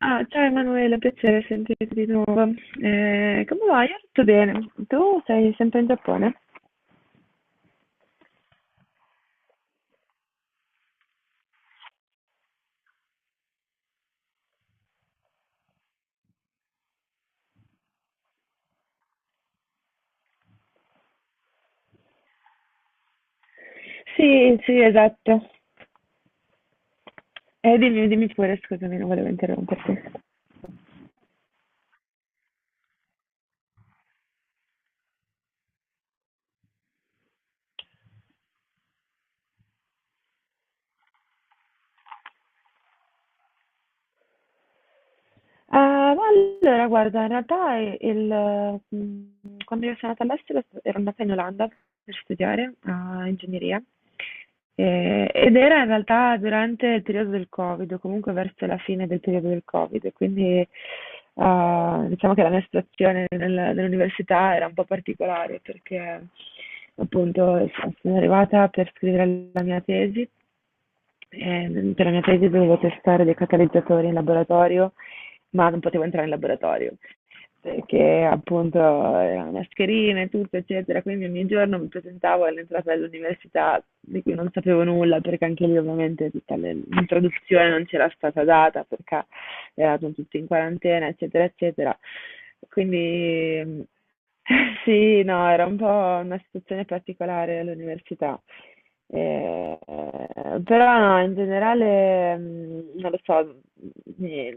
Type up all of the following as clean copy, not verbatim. Ah, ciao Emanuele, piacere sentirti di nuovo. Come va? Io tutto bene. Tu sei sempre in Giappone? Sì, sì, esatto. Dimmi, dimmi pure, scusami, non volevo interromperti. Ma allora, guarda, in realtà i il quando io sono andata all'estero s ero andata in Olanda per studiare a ingegneria, ed era in realtà durante il periodo del Covid, o comunque verso la fine del periodo del Covid. Quindi, diciamo che la mia situazione nell'università era un po' particolare, perché appunto sono arrivata per scrivere la mia tesi. Per la mia tesi dovevo testare dei catalizzatori in laboratorio, ma non potevo entrare in laboratorio perché appunto erano mascherine e tutto, eccetera. Quindi ogni giorno mi presentavo all'entrata dell'università, di cui non sapevo nulla, perché anche lì ovviamente tutta l'introduzione non c'era stata data, perché eravamo tutti in quarantena, eccetera, eccetera. Quindi sì, no, era un po' una situazione particolare all'università. Eh, però no, in generale, non lo so, mi,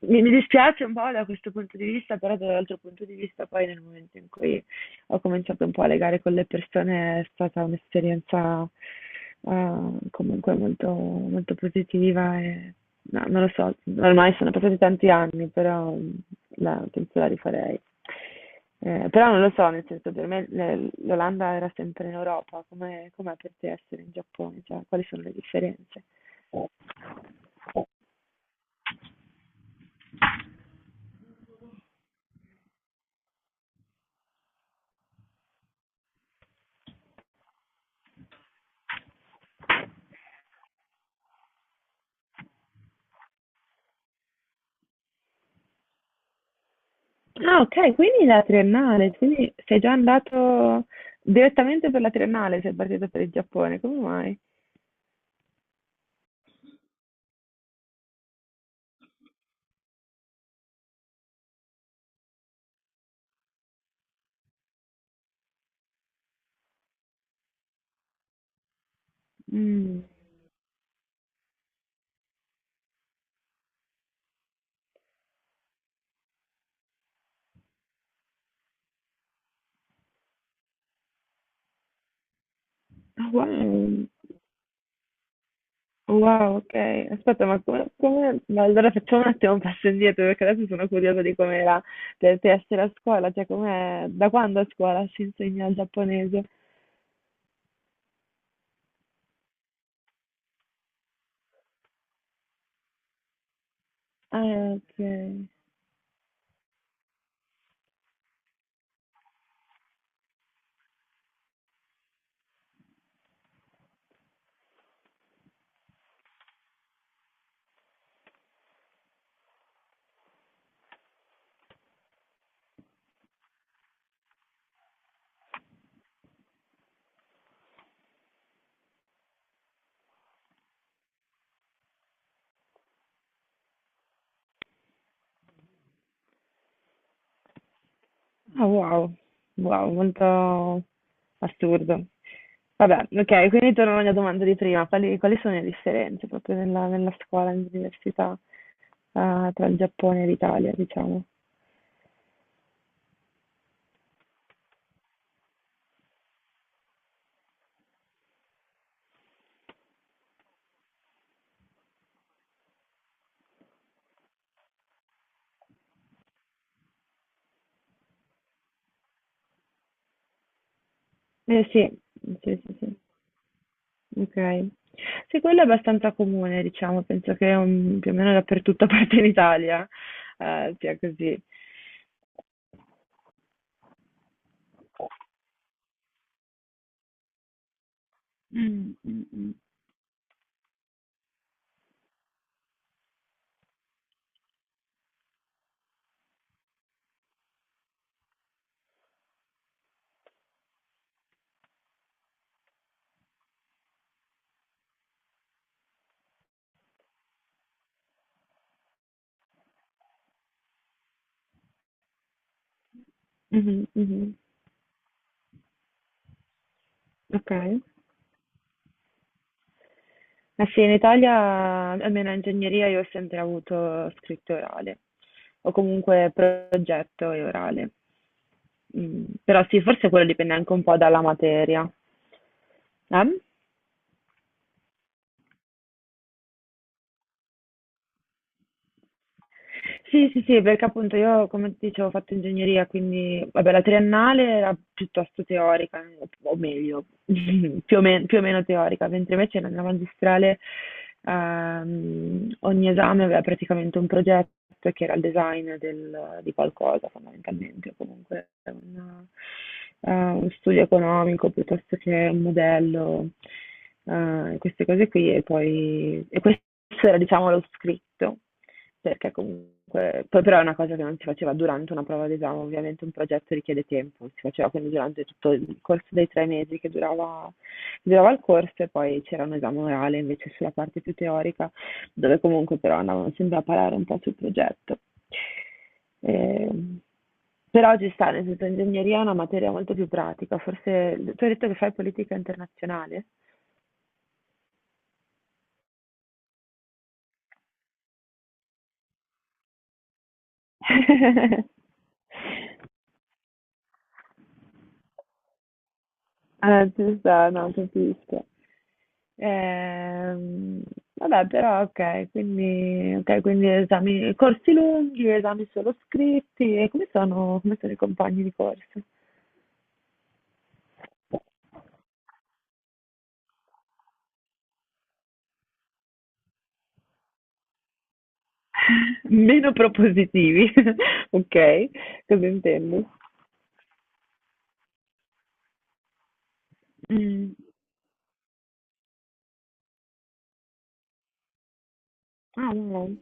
mi dispiace un po' da questo punto di vista, però dall'altro punto di vista poi, nel momento in cui ho cominciato un po' a legare con le persone, è stata un'esperienza eh, comunque molto, molto positiva. E no, non lo so, ormai sono passati tanti anni, però penso la rifarei. Però non lo so, nel senso, per me l'Olanda era sempre in Europa, come com'è per te essere in Giappone? Cioè, quali sono le differenze? Ah, ok, quindi la triennale, quindi sei già andato direttamente per la triennale, sei partito per il Giappone, come mai? Mm. Ah, wow, wow, ok. Aspetta, ma allora facciamo un attimo un passo indietro, perché adesso sono curiosa di com'era per te essere a scuola, cioè com'è, da quando a scuola si insegna il giapponese? Ah, ok. Ah, wow. Wow, molto assurdo. Vabbè, ok, quindi torno alla mia domanda di prima. Quali sono le differenze proprio nella scuola, nell'università, tra il Giappone e l'Italia, diciamo? Eh sì, sì, sì, sì. Ok. Sì, quello è abbastanza comune, diciamo, penso che più o meno dappertutto, a parte in Italia, sia così. Mm, mm, mm. Mhm, mhm. Ok. Ma sì, in Italia, almeno in ingegneria, io ho sempre avuto scritto e orale, o comunque progetto e orale. Mm. Però sì, forse quello dipende anche un po' dalla materia. Eh? Sì, sì, sì, perché appunto io, come ti dicevo, ho fatto ingegneria, quindi vabbè, la triennale era piuttosto teorica, o meglio, più o meno teorica, mentre invece nella magistrale ogni esame aveva praticamente un progetto, che era il design di qualcosa fondamentalmente, o comunque un studio economico piuttosto che un modello, queste cose qui, e poi e questo era diciamo lo scritto. Perché comunque poi però è una cosa che non si faceva durante una prova d'esame, ovviamente un progetto richiede tempo, si faceva quindi durante tutto il corso dei 3 mesi che durava il corso, e poi c'era un esame orale invece sulla parte più teorica, dove comunque però andavano sempre a parare un po' sul progetto. Ehm, però ci sta, nel senso, ingegneria è una materia molto più pratica, forse tu hai detto che fai politica internazionale? Ah, ci sta, no, capisco. Ehm, vabbè, però ok, quindi esami, corsi lunghi, esami solo scritti, e come sono i compagni di corso? Meno propositivi, ok, cosa intendi? Mm. Ah, no, no.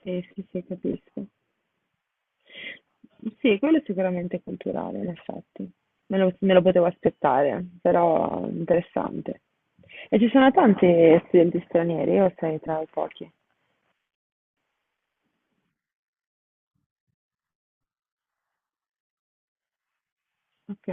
Sì, sì, sì, capisco. Sì, quello è sicuramente culturale, in effetti. Me lo potevo aspettare, però interessante. E ci sono tanti studenti stranieri o sei tra i pochi? Ok.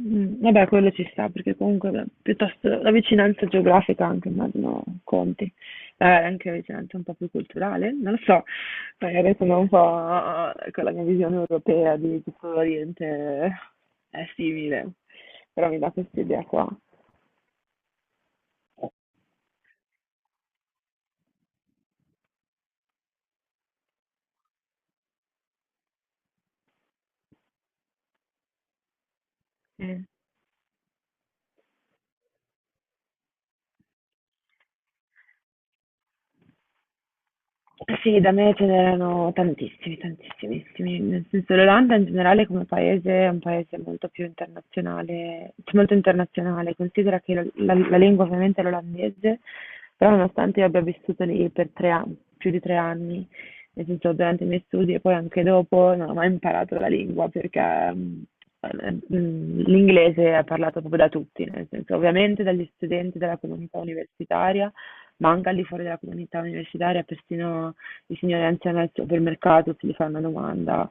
Mm. Vabbè, quello ci sta, perché comunque, beh, piuttosto la vicinanza geografica anche, immagino, conti. Anche la vicinanza un po' più culturale, non lo so, magari sono un po', con la mia visione europea di tutto l'Oriente, è simile, però mi dà questa idea qua. Eh sì, da me ce n'erano tantissimi, tantissimissimi, nel senso, l'Olanda in generale come paese è un paese molto più internazionale, cioè molto internazionale. Considera che la lingua ovviamente è l'olandese, però nonostante io abbia vissuto lì per 3 anni, più di 3 anni, nel senso durante i miei studi e poi anche dopo, non ho mai imparato la lingua perché Ehm, l'inglese è parlato proprio da tutti, nel senso, ovviamente dagli studenti della comunità universitaria, ma anche al di fuori della comunità universitaria, persino i signori anziani al supermercato, se gli fanno una domanda,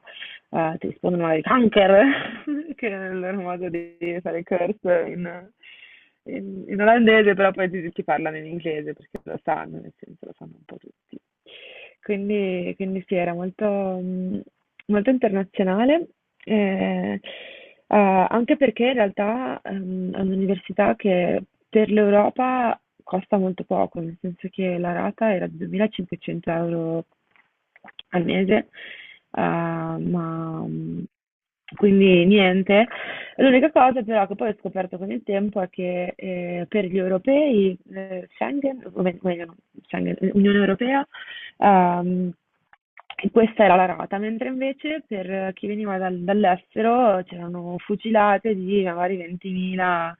ti rispondono ai kanker, che è il loro modo di fare curse in olandese, però poi ti parlano in inglese perché lo sanno, nel senso, lo sanno un po' tutti. Quindi sì, era molto, molto internazionale, eh, anche perché in realtà è un'università che per l'Europa costa molto poco, nel senso che la rata era di 2.500 euro al mese, ma mh, quindi niente. L'unica cosa però che poi ho scoperto con il tempo è che, per gli europei, Schengen, o meglio, no, Schengen, Unione Europea, Ehm, e questa era la rata, mentre invece per chi veniva dall'estero c'erano fucilate di magari 20.000,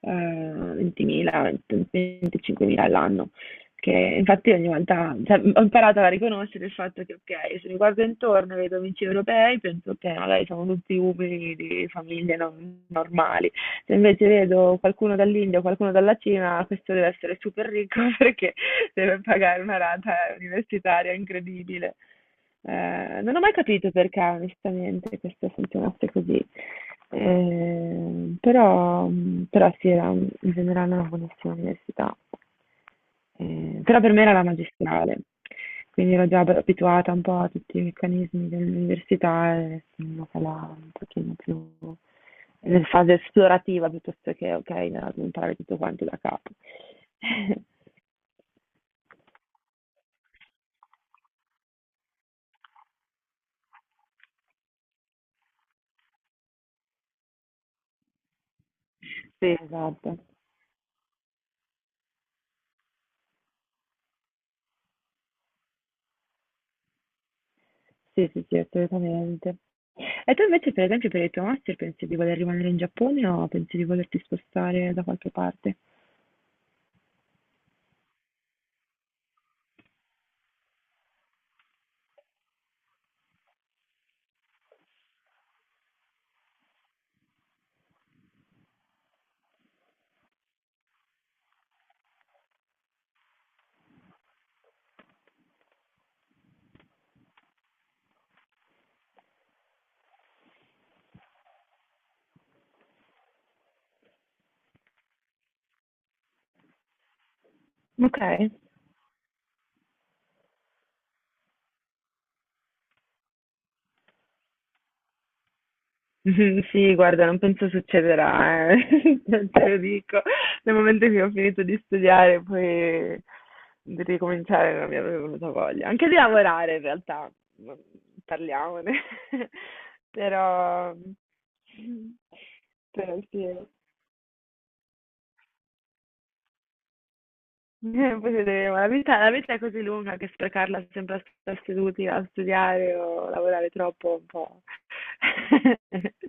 20.000, 25.000 all'anno, che infatti ogni volta, cioè, ho imparato a riconoscere il fatto che ok, se mi guardo intorno e vedo amici europei, penso che magari sono tutti uomini di famiglie normali. Se invece vedo qualcuno dall'India o qualcuno dalla Cina, questo deve essere super ricco, perché deve pagare una rata universitaria incredibile. Non ho mai capito perché, onestamente, questo funzionasse così. Eh, però, però sì, era in generale una buonissima università. Però per me era la magistrale, quindi ero già abituata un po' a tutti i meccanismi dell'università e sono andata là un pochino più in fase esplorativa, piuttosto che, ok, no, imparare tutto quanto da capo. Sì. Esatto. Sì, sì, sì, assolutamente. E tu invece, per esempio, per il tuo master pensi di voler rimanere in Giappone o pensi di volerti spostare da qualche parte? Ok. Sì, guarda, non penso succederà, eh. Te lo dico. Nel momento che ho finito di studiare, poi di ricominciare non mi avrebbe venuta voglia. Anche di lavorare, in realtà, parliamone. Però. Però sì, eh. Poi vedremo. La vita, è così lunga che sprecarla sempre a stare seduti a studiare o lavorare troppo è un po'.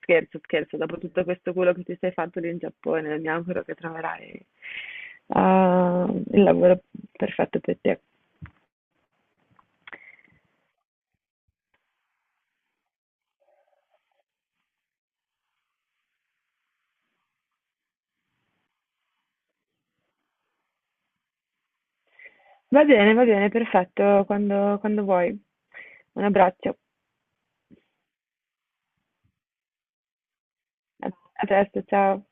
Scherzo, scherzo. Dopo tutto questo culo che ti sei fatto lì in Giappone, mi auguro che troverai il lavoro perfetto per te. Va bene, perfetto. Quando vuoi. Un abbraccio. A a presto, ciao.